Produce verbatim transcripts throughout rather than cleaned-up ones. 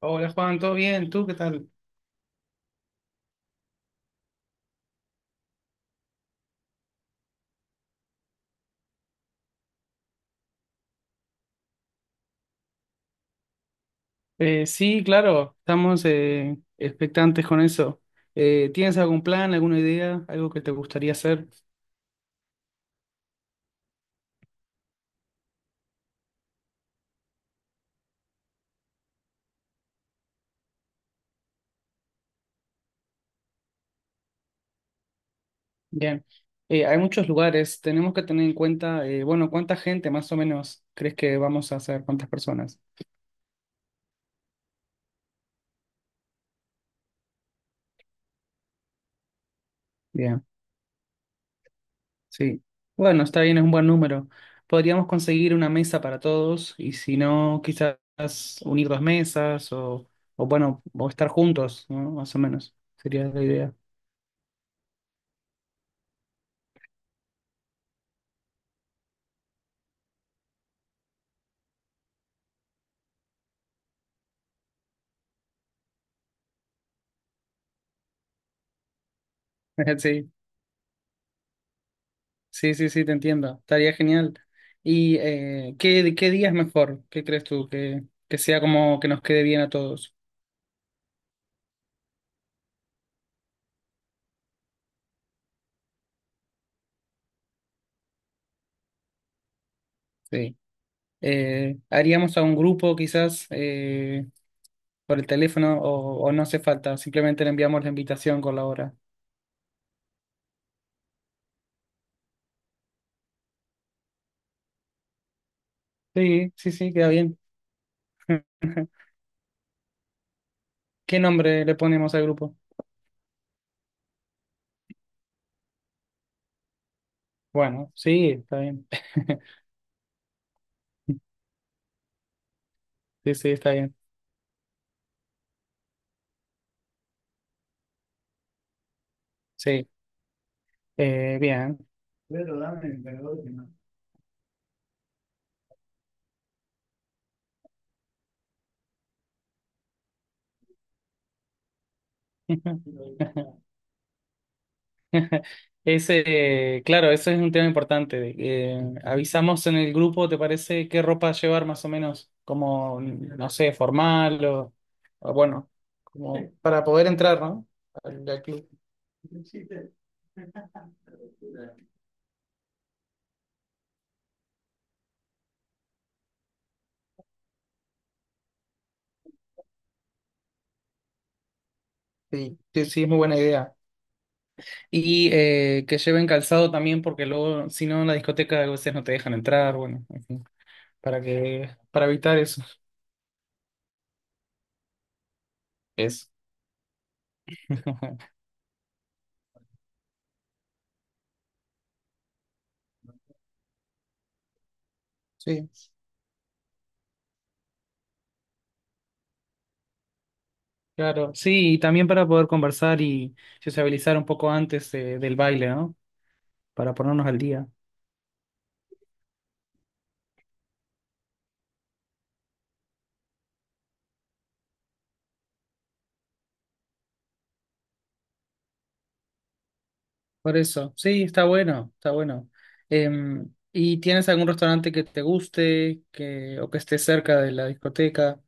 Hola Juan, ¿todo bien? ¿Tú qué tal? Eh, sí, claro, estamos eh, expectantes con eso. Eh, ¿tienes algún plan, alguna idea, algo que te gustaría hacer? Bien. Eh, hay muchos lugares, tenemos que tener en cuenta, eh, bueno, ¿cuánta gente más o menos crees que vamos a hacer? ¿Cuántas personas? Bien, sí. Bueno, está bien, es un buen número. Podríamos conseguir una mesa para todos y si no, quizás unir dos mesas o, o bueno, o estar juntos, ¿no? Más o menos, sería la idea. Sí. Sí, sí, sí, te entiendo. Estaría genial. ¿Y eh, qué, qué día es mejor? ¿Qué crees tú? Que, que sea como que nos quede bien a todos. Sí. Eh, haríamos a un grupo quizás eh, por el teléfono o, o no hace falta. Simplemente le enviamos la invitación con la hora. Sí, sí, sí, queda bien. ¿Qué nombre le ponemos al grupo? Bueno, sí, está bien. Sí, sí, está bien. Sí, eh, bien. Pero dame el perdón, que no. Ese, claro, ese es un tema importante. Eh, avisamos en el grupo, ¿te parece qué ropa llevar más o menos? Como, no sé, formal o, o bueno, como sí, para poder entrar, ¿no? Al, al club. Sí, sí, sí, es muy buena idea. Y eh, que lleven calzado también, porque luego, si no, en la discoteca a veces no te dejan entrar, bueno, en fin, para que, para evitar eso. Eso. Sí. Claro, sí, y también para poder conversar y sociabilizar un poco antes eh, del baile, ¿no? Para ponernos al día. Por eso, sí, está bueno, está bueno. Em, ¿y tienes algún restaurante que te guste que, o que esté cerca de la discoteca?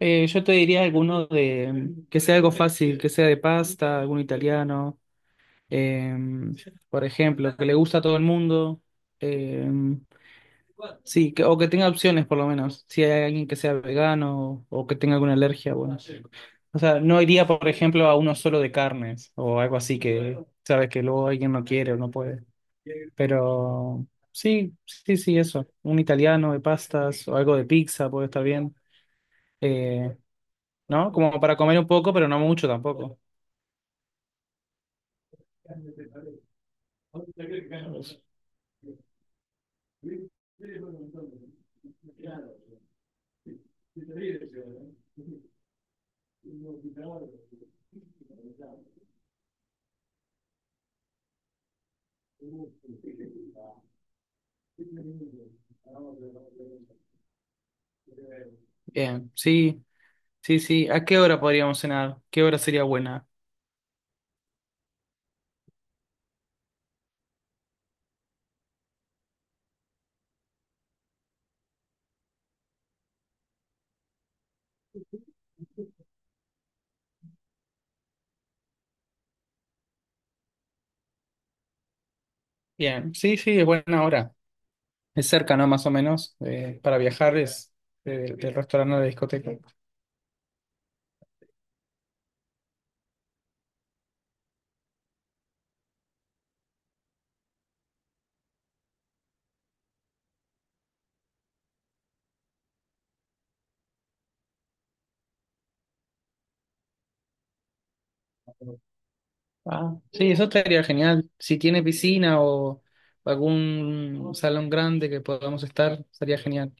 Eh, yo te diría alguno de que sea algo fácil, que sea de pasta, algún italiano. em, por ejemplo, que le gusta a todo el mundo. em, sí, que- o que tenga opciones por lo menos, si hay alguien que sea vegano o que tenga alguna alergia, bueno. O sea, no iría, por ejemplo, a uno solo de carnes o algo así que, sabes, que luego alguien no quiere o no puede. Pero sí, sí, sí, eso. Un italiano de pastas o algo de pizza puede estar bien. Eh, ¿No? Como para comer un poco, pero no mucho tampoco. Bien, sí. Sí, sí. ¿A qué hora podríamos cenar? ¿Qué hora sería buena? Bien, sí, sí, es buena hora. Es cerca, ¿no? Más o menos. Eh, para viajar es eh, del restaurante a la discoteca. Ah, sí, eso estaría genial. Si tiene piscina o algún salón grande que podamos estar, sería genial.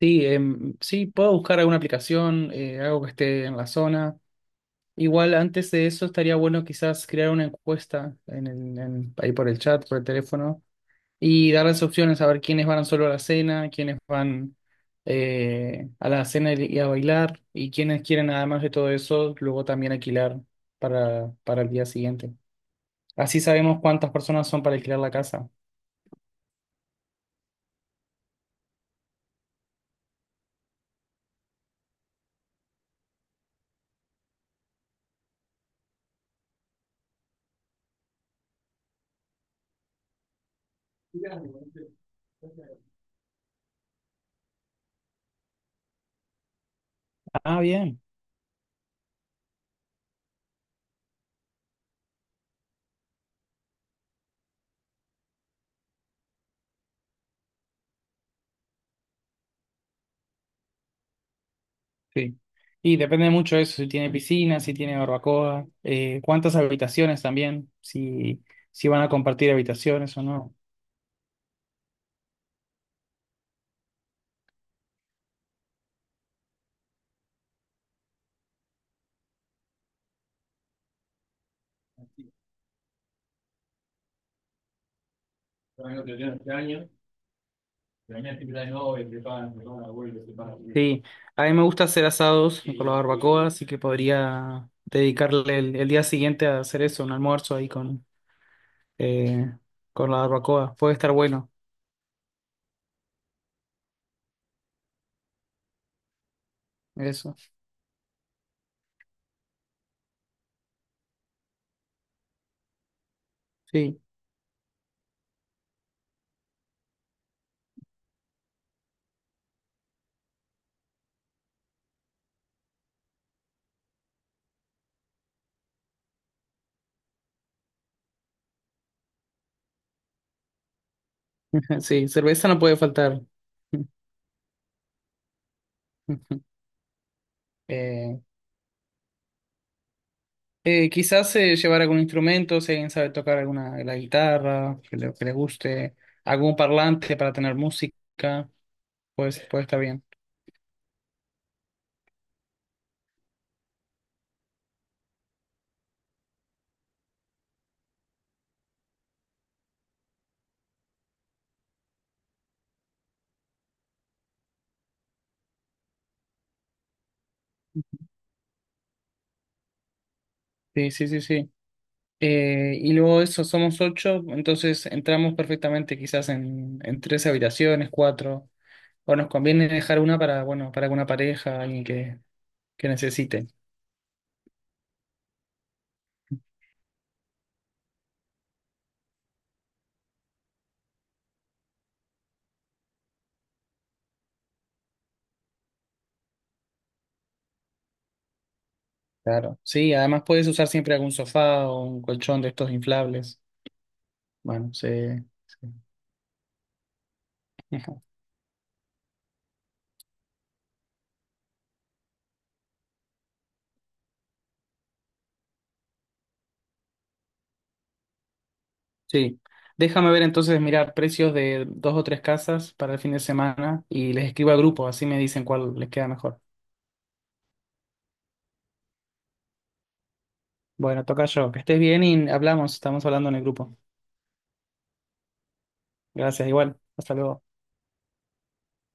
Sí, em, sí, puedo buscar alguna aplicación, eh, algo que esté en la zona. Igual antes de eso estaría bueno quizás crear una encuesta en el, en- ahí por el chat, por el teléfono, y darles opciones a ver quiénes van solo a la cena, quiénes van eh, a la cena y y a bailar, y quiénes quieren, además de todo eso, luego también alquilar para, para el día siguiente. Así sabemos cuántas personas son para alquilar la casa. Ah, bien, sí. Y depende mucho de eso, si tiene piscina, si tiene barbacoa, eh, cuántas habitaciones también, si, si van a compartir habitaciones o no. Está sí, a mí me gusta hacer asados con la barbacoa, así que podría dedicarle el, el día siguiente a hacer eso, un almuerzo ahí con, eh, con la barbacoa. Puede estar bueno, eso. Sí, sí, cerveza no puede faltar. Eh, eh, quizás eh, llevar algún instrumento, si alguien sabe tocar alguna la guitarra, que le, que le guste, algún parlante para tener música. Pues, pues está bien. Sí, sí, sí, sí. Eh, y luego de eso somos ocho, entonces entramos perfectamente quizás en, en tres habitaciones, cuatro, o nos conviene dejar una para, bueno, para alguna pareja, alguien que, que necesite. Claro. Sí, además puedes usar siempre algún sofá o un colchón de estos inflables. Bueno, sí. Sí. Sí. Déjame ver entonces, mirar precios de dos o tres casas para el fin de semana y les escribo al grupo, así me dicen cuál les queda mejor. Bueno, toca yo. Que estés bien y hablamos, estamos hablando en el grupo. Gracias, igual. Hasta luego.